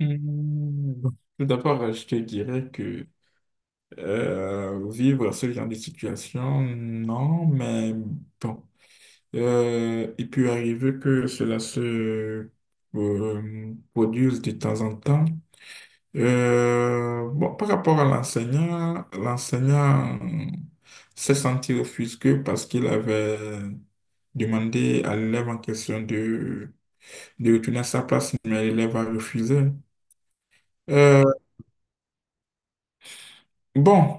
Hmm, tout d'abord, je te dirais que vivre ce genre de situation, non, mais bon, il peut arriver que cela se produise de temps en temps. Bon, par rapport à l'enseignant, l'enseignant s'est senti offusqué parce qu'il avait demandé à l'élève en question de retourner à sa place, mais l'élève a refusé. Euh, bon.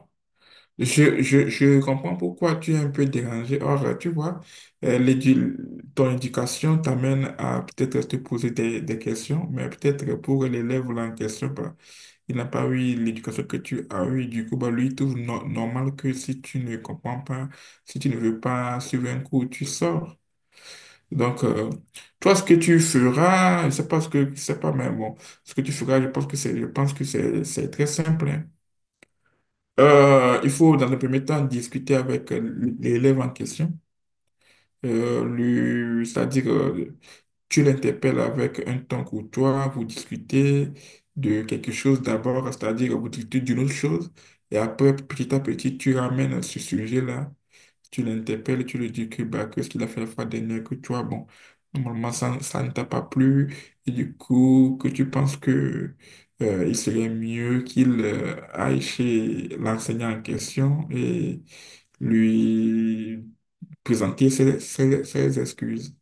Je comprends pourquoi tu es un peu dérangé. Or, tu vois, euh, l'édu- ton éducation t'amène à peut-être te poser des questions, mais peut-être pour l'élève là en question, bah, il n'a pas eu l'éducation que tu as eue. Du coup, bah, lui, il trouve normal que si tu ne comprends pas, si tu ne veux pas suivre un cours, tu sors. Donc, toi, ce que tu feras, je sais pas, mais bon, ce que tu feras, je pense que c'est très simple, hein. Il faut, dans le premier temps, discuter avec l'élève en question. Lui, c'est-à-dire, tu l'interpelles avec un ton courtois, vous discutez de quelque chose d'abord, c'est-à-dire, vous discutez d'une autre chose, et après, petit à petit, tu ramènes ce sujet-là. Tu l'interpelles, tu lui dis que bah, que ce qu'il a fait la fois dernière, que toi, bon, normalement, ça ne t'a pas plu, et du coup, que tu penses que il serait mieux qu'il aille chez l'enseignant en question et lui présenter ses excuses.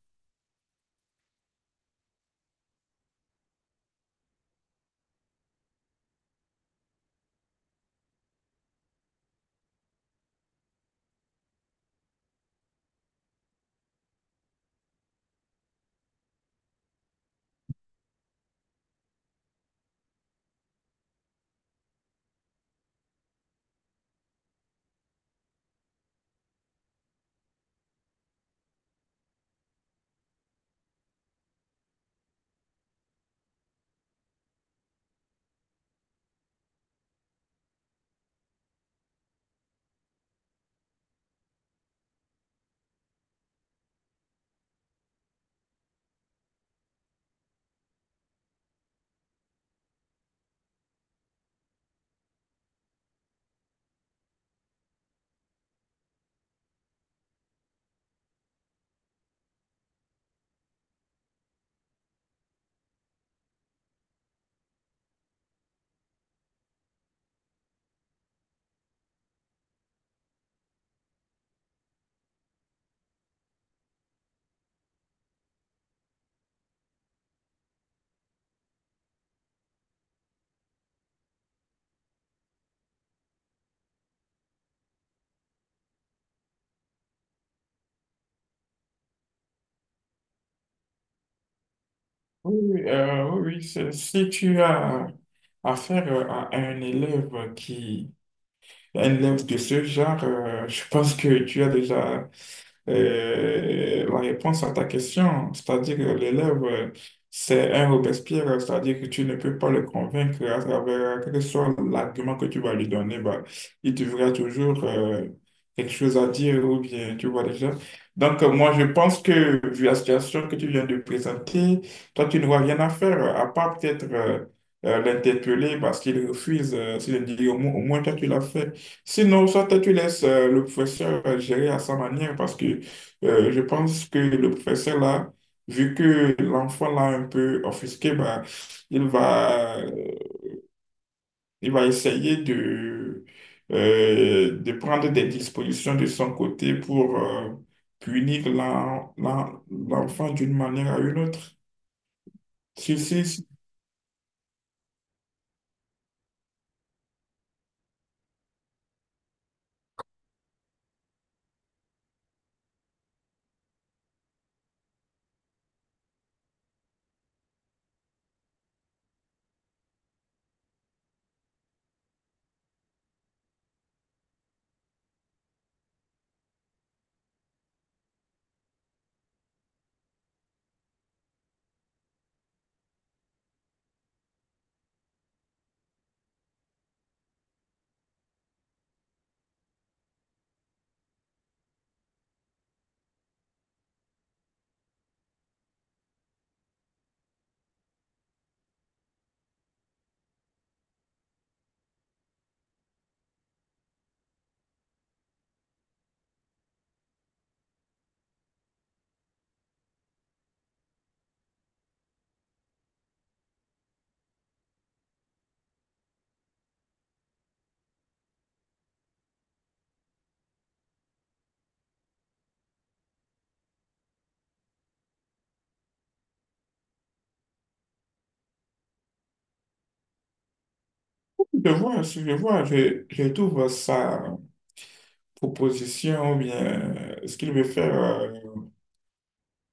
Oui, si tu as affaire à un élève qui un œuvre de ce genre, je pense que tu as déjà la réponse à ta question. C'est-à-dire que l'élève, c'est un Robespierre, c'est-à-dire que tu ne peux pas le convaincre à travers quel que soit l'argument que tu vas lui donner. Bah, il trouvera toujours quelque chose à dire ou bien, tu vois déjà. Donc, moi, je pense que vu la situation que tu viens de présenter, toi, tu n'auras rien à faire, à part peut-être l'interpeller parce qu'il refuse, s'il dit au moins toi tu l'as fait. Sinon, soit tu laisses le professeur gérer à sa manière parce que je pense que le professeur là, vu que l'enfant l'a un peu offusqué, bah, il va, euh, il va essayer de prendre des dispositions de son côté pour punir l'enfant d'une manière à une autre. Si, si, si, je vois, si je vois, je trouve sa proposition ou bien ce qu'il veut faire. Euh,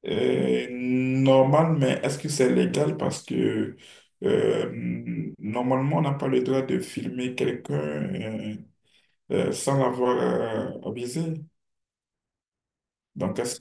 Normal, mais est-ce que c'est légal? Parce que euh, normalement, on n'a pas le droit de filmer quelqu'un sans l'avoir avisé. Donc, est-ce-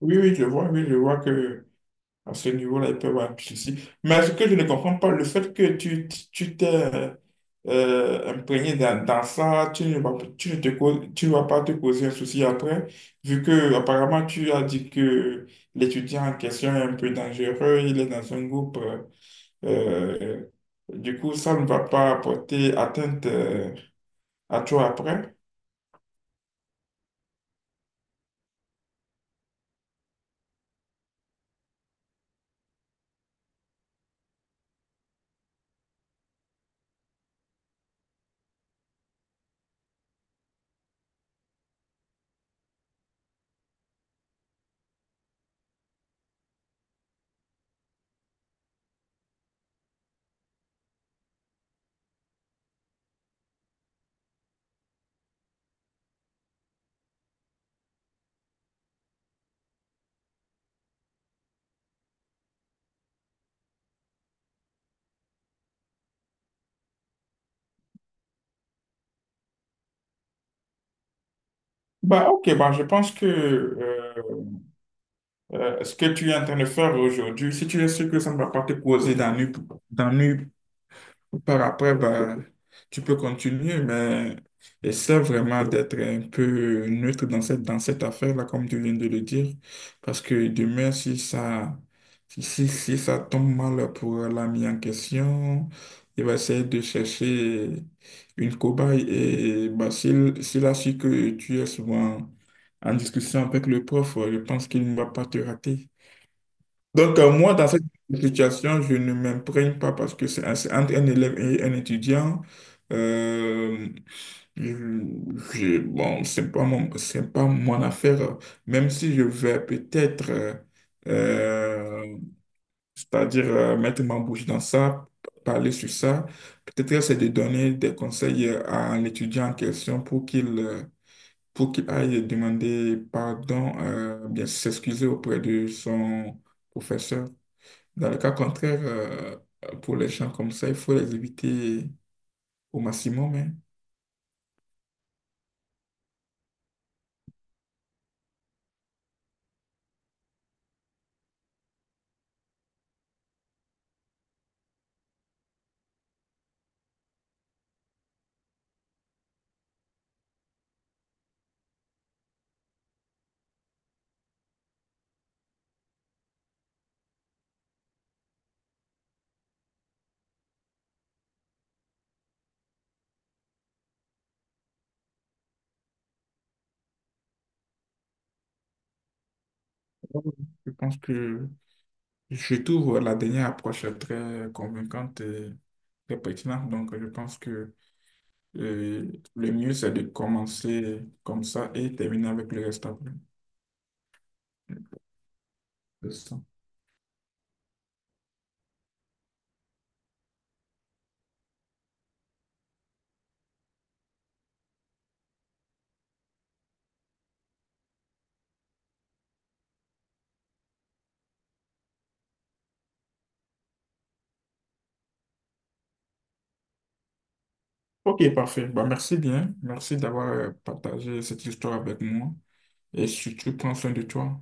oui, oui, je vois que à ce niveau-là, il peut y avoir un souci. Mais ce que je ne comprends pas, le fait que tu t'es imprégné dans ça, tu ne vas pas te causer un souci après, vu que apparemment tu as dit que l'étudiant en question est un peu dangereux, il est dans un groupe. Euh, du coup, ça ne va pas porter atteinte à toi après. Bah, ok, bah, je pense que ce que tu es en train de faire aujourd'hui, si tu es sûr que ça ne va pas te causer d'ennui par après, bah, tu peux continuer, mais essaie vraiment d'être un peu neutre dans dans cette affaire-là, comme tu viens de le dire. Parce que demain, si ça tombe mal pour l'ami en question, il va essayer de chercher une cobaye. Et bah, s'il a su que tu es souvent en discussion avec le prof, je pense qu'il ne va pas te rater. Donc, moi, dans cette situation, je ne m'imprègne pas parce que c'est entre un élève et un étudiant. Euh, je- bon, c'est pas mon affaire, même si je vais peut-être, euh, c'est-à-dire mettre ma bouche dans ça, parler sur ça. Peut-être que c'est de donner des conseils à l'étudiant en question pour qu'il aille demander pardon, bien s'excuser auprès de son professeur. Dans le cas contraire, pour les gens comme ça, il faut les éviter au maximum, hein. Je pense que je trouve la dernière approche très convaincante et très pertinente. Donc, je pense que le mieux, c'est de commencer comme ça et terminer avec le reste après. C'est ça. Ok, parfait. Bah, merci bien. Merci d'avoir partagé cette histoire avec moi. Et surtout, prends soin de toi.